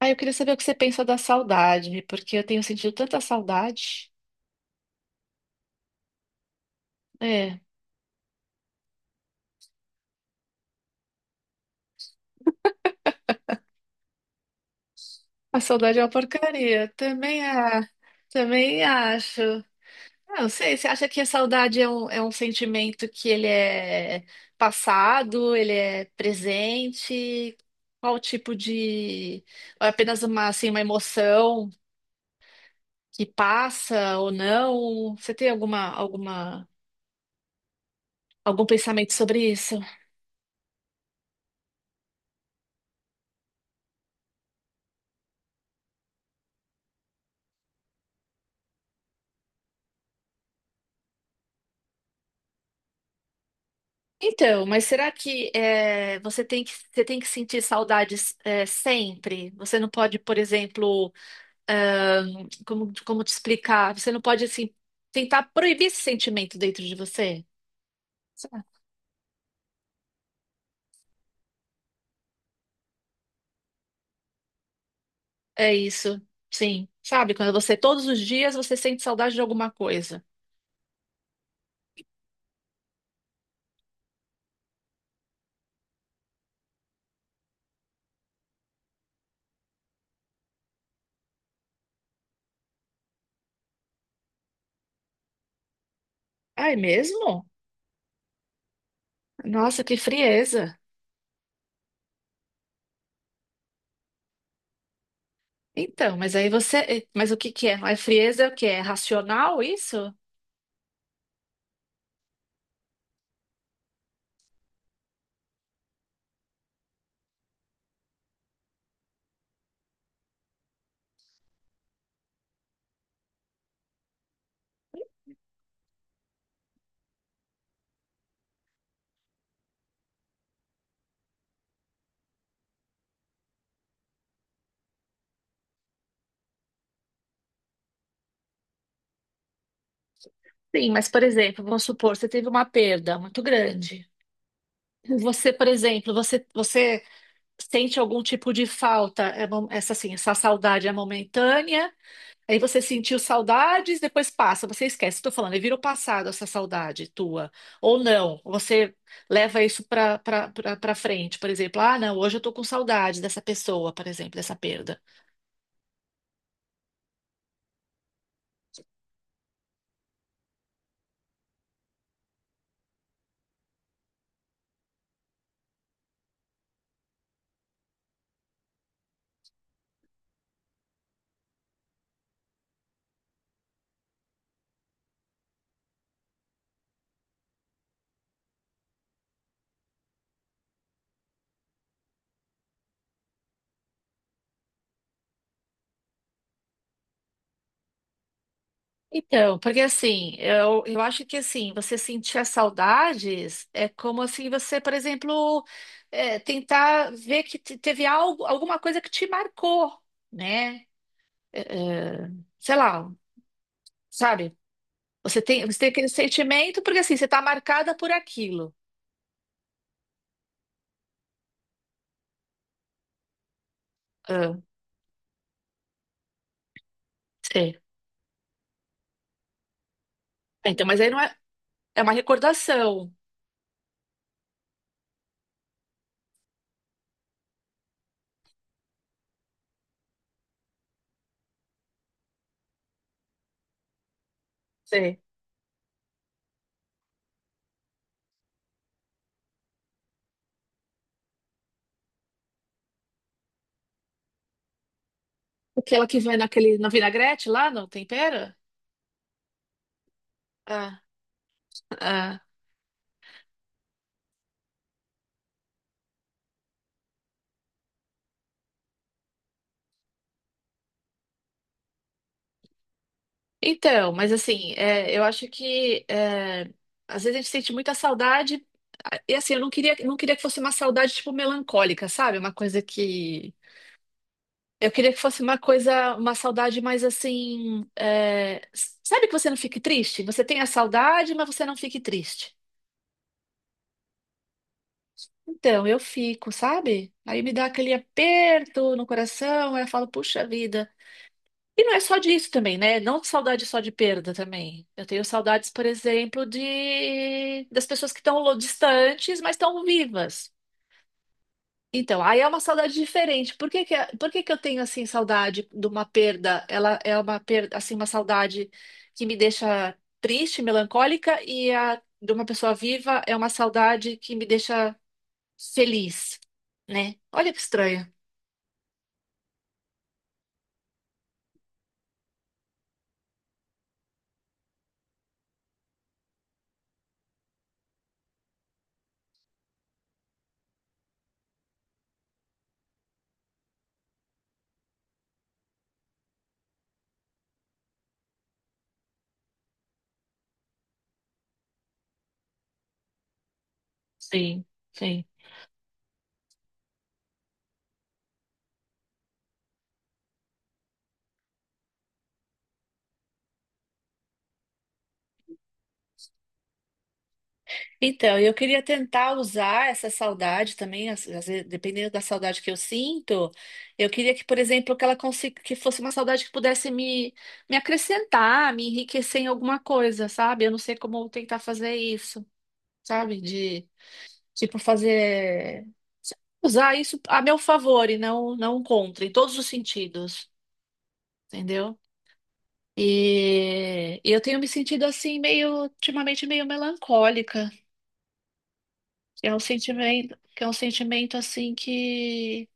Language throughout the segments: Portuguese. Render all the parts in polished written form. Ah, eu queria saber o que você pensa da saudade, porque eu tenho sentido tanta saudade. É, a saudade é uma porcaria. Também, também acho. Ah, não sei, você acha que a saudade é um sentimento que ele é passado, ele é presente? Qual tipo de... Ou é apenas uma, assim, uma emoção que passa ou não? Você tem alguma algum pensamento sobre isso? Então, mas será que é, você tem que sentir saudades é, sempre? Você não pode, por exemplo, como te explicar? Você não pode, assim, tentar proibir esse sentimento dentro de você? Sabe? É isso, sim. Sabe, quando você, todos os dias, você sente saudade de alguma coisa. Ah, é mesmo? Nossa, que frieza. Então, mas aí você. Mas o que que é? É frieza é o que? É racional isso? Sim, mas por exemplo, vamos supor, você teve uma perda muito grande. Você, por exemplo, você sente algum tipo de falta, é essa assim, essa saudade é momentânea, aí você sentiu saudades, depois passa, você esquece, estou falando, aí vira o passado essa saudade tua. Ou não, você leva isso para frente, por exemplo, ah, não, hoje eu estou com saudade dessa pessoa, por exemplo, dessa perda. Então, porque assim, eu acho que assim, você sentir as saudades é como assim você, por exemplo, é, tentar ver que teve algo, alguma coisa que te marcou, né? É, é, sei lá, sabe? Você tem aquele sentimento porque assim, você está marcada por aquilo. Ah, sei. Ah, então, mas aí não é, é uma recordação. Sei. Aquela que vai naquele, na vinagrete lá no tempero? Ah, ah. Então, mas assim, é, eu acho que é, às vezes a gente sente muita saudade, a- e assim, eu não queria, não queria que fosse uma saudade tipo melancólica, sabe? Uma coisa que. Eu queria que fosse uma coisa, uma saudade mais assim. É, s- sabe que você não fique triste? Você tem a saudade, mas você não fique triste. Então, eu fico, sabe? Aí me dá aquele aperto no coração, aí eu falo, puxa vida. E não é só disso também, né? Não saudade só de perda também. Eu tenho saudades, por exemplo, de das pessoas que estão lo- distantes, mas estão vivas. Então, aí é uma saudade diferente. Por que que eu tenho assim saudade de uma perda? Ela é uma perda, assim, uma saudade que me deixa triste, melancólica, e a de uma pessoa viva é uma saudade que me deixa feliz, né? Olha que estranho. Sim, sim. Então, eu queria tentar usar essa saudade também, às- às vezes, dependendo da saudade que eu sinto, eu queria que, por exemplo, que ela consiga, que fosse uma saudade que pudesse me acrescentar, me enriquecer em alguma coisa, sabe? Eu não sei como tentar fazer isso, sabe? De, tipo, fazer, usar isso a meu favor e não contra, em todos os sentidos, entendeu? E eu tenho me sentido assim, meio, ultimamente, meio melancólica. É um sentimento, que é um sentimento assim que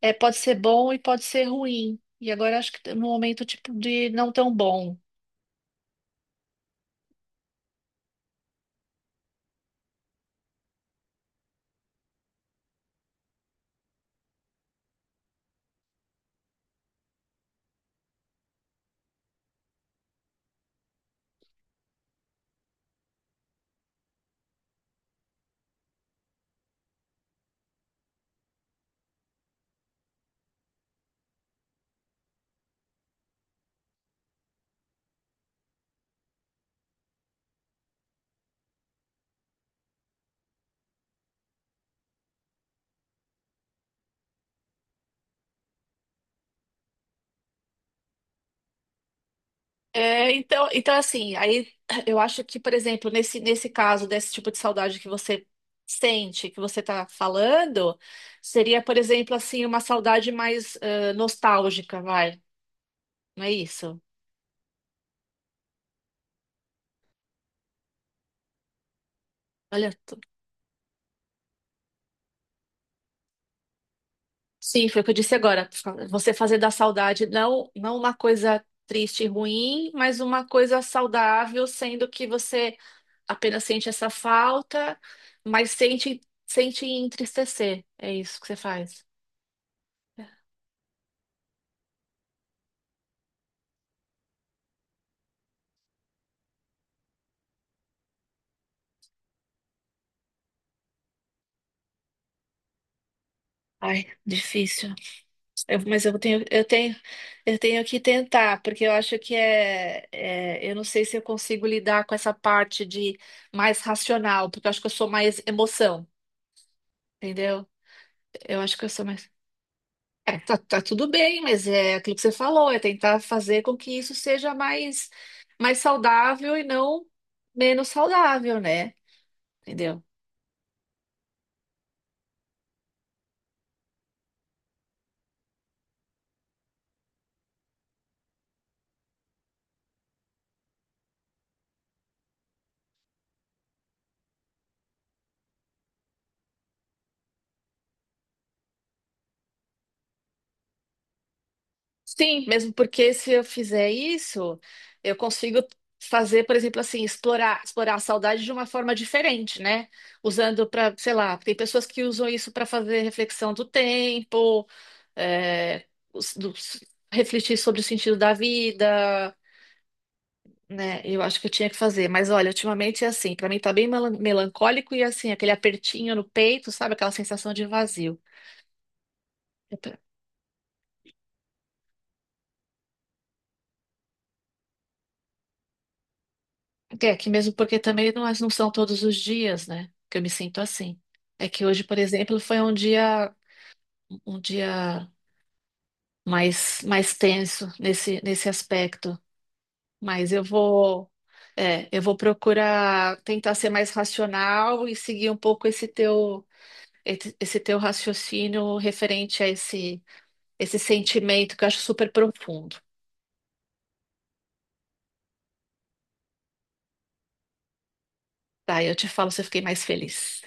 é, pode ser bom e pode ser ruim. E agora acho que no momento tipo de não tão bom. É, então assim, aí eu acho que, por exemplo, nesse caso, desse tipo de saudade que você sente, que você tá falando, seria, por exemplo, assim, uma saudade mais eh, nostálgica, vai. Não é isso? Olha, sim, foi o que eu disse agora. Você fazer da saudade não, não uma coisa triste e ruim, mas uma coisa saudável, sendo que você apenas sente essa falta, mas sente, sente entristecer. É isso que você faz. Ai, difícil. Eu- eu tenho que tentar, porque eu acho que é, é, eu não sei se eu consigo lidar com essa parte de mais racional, porque eu acho que eu sou mais emoção, entendeu? Eu acho que eu sou mais é, tá, tá tudo bem, mas é aquilo que você falou, é tentar fazer com que isso seja mais saudável e não menos saudável, né? Entendeu? Sim, mesmo porque se eu fizer isso, eu consigo fazer, por exemplo, assim, explorar a saudade de uma forma diferente, né? Usando para, sei lá, tem pessoas que usam isso para fazer reflexão do tempo, é, os- do- refletir sobre o sentido da vida, né? Eu acho que eu tinha que fazer. Mas olha, ultimamente é assim, pra mim tá bem melan- melancólico e assim, aquele apertinho no peito, sabe? Aquela sensação de vazio. É, pra- é que mesmo porque também não, é, não são todos os dias, né? Que eu me sinto assim. É que hoje, por exemplo, foi um dia mais tenso nesse aspecto. Mas eu vou é, eu vou procurar tentar ser mais racional e seguir um pouco esse teu raciocínio referente a esse sentimento que eu acho super profundo. Tá, eu te falo se eu fiquei mais feliz.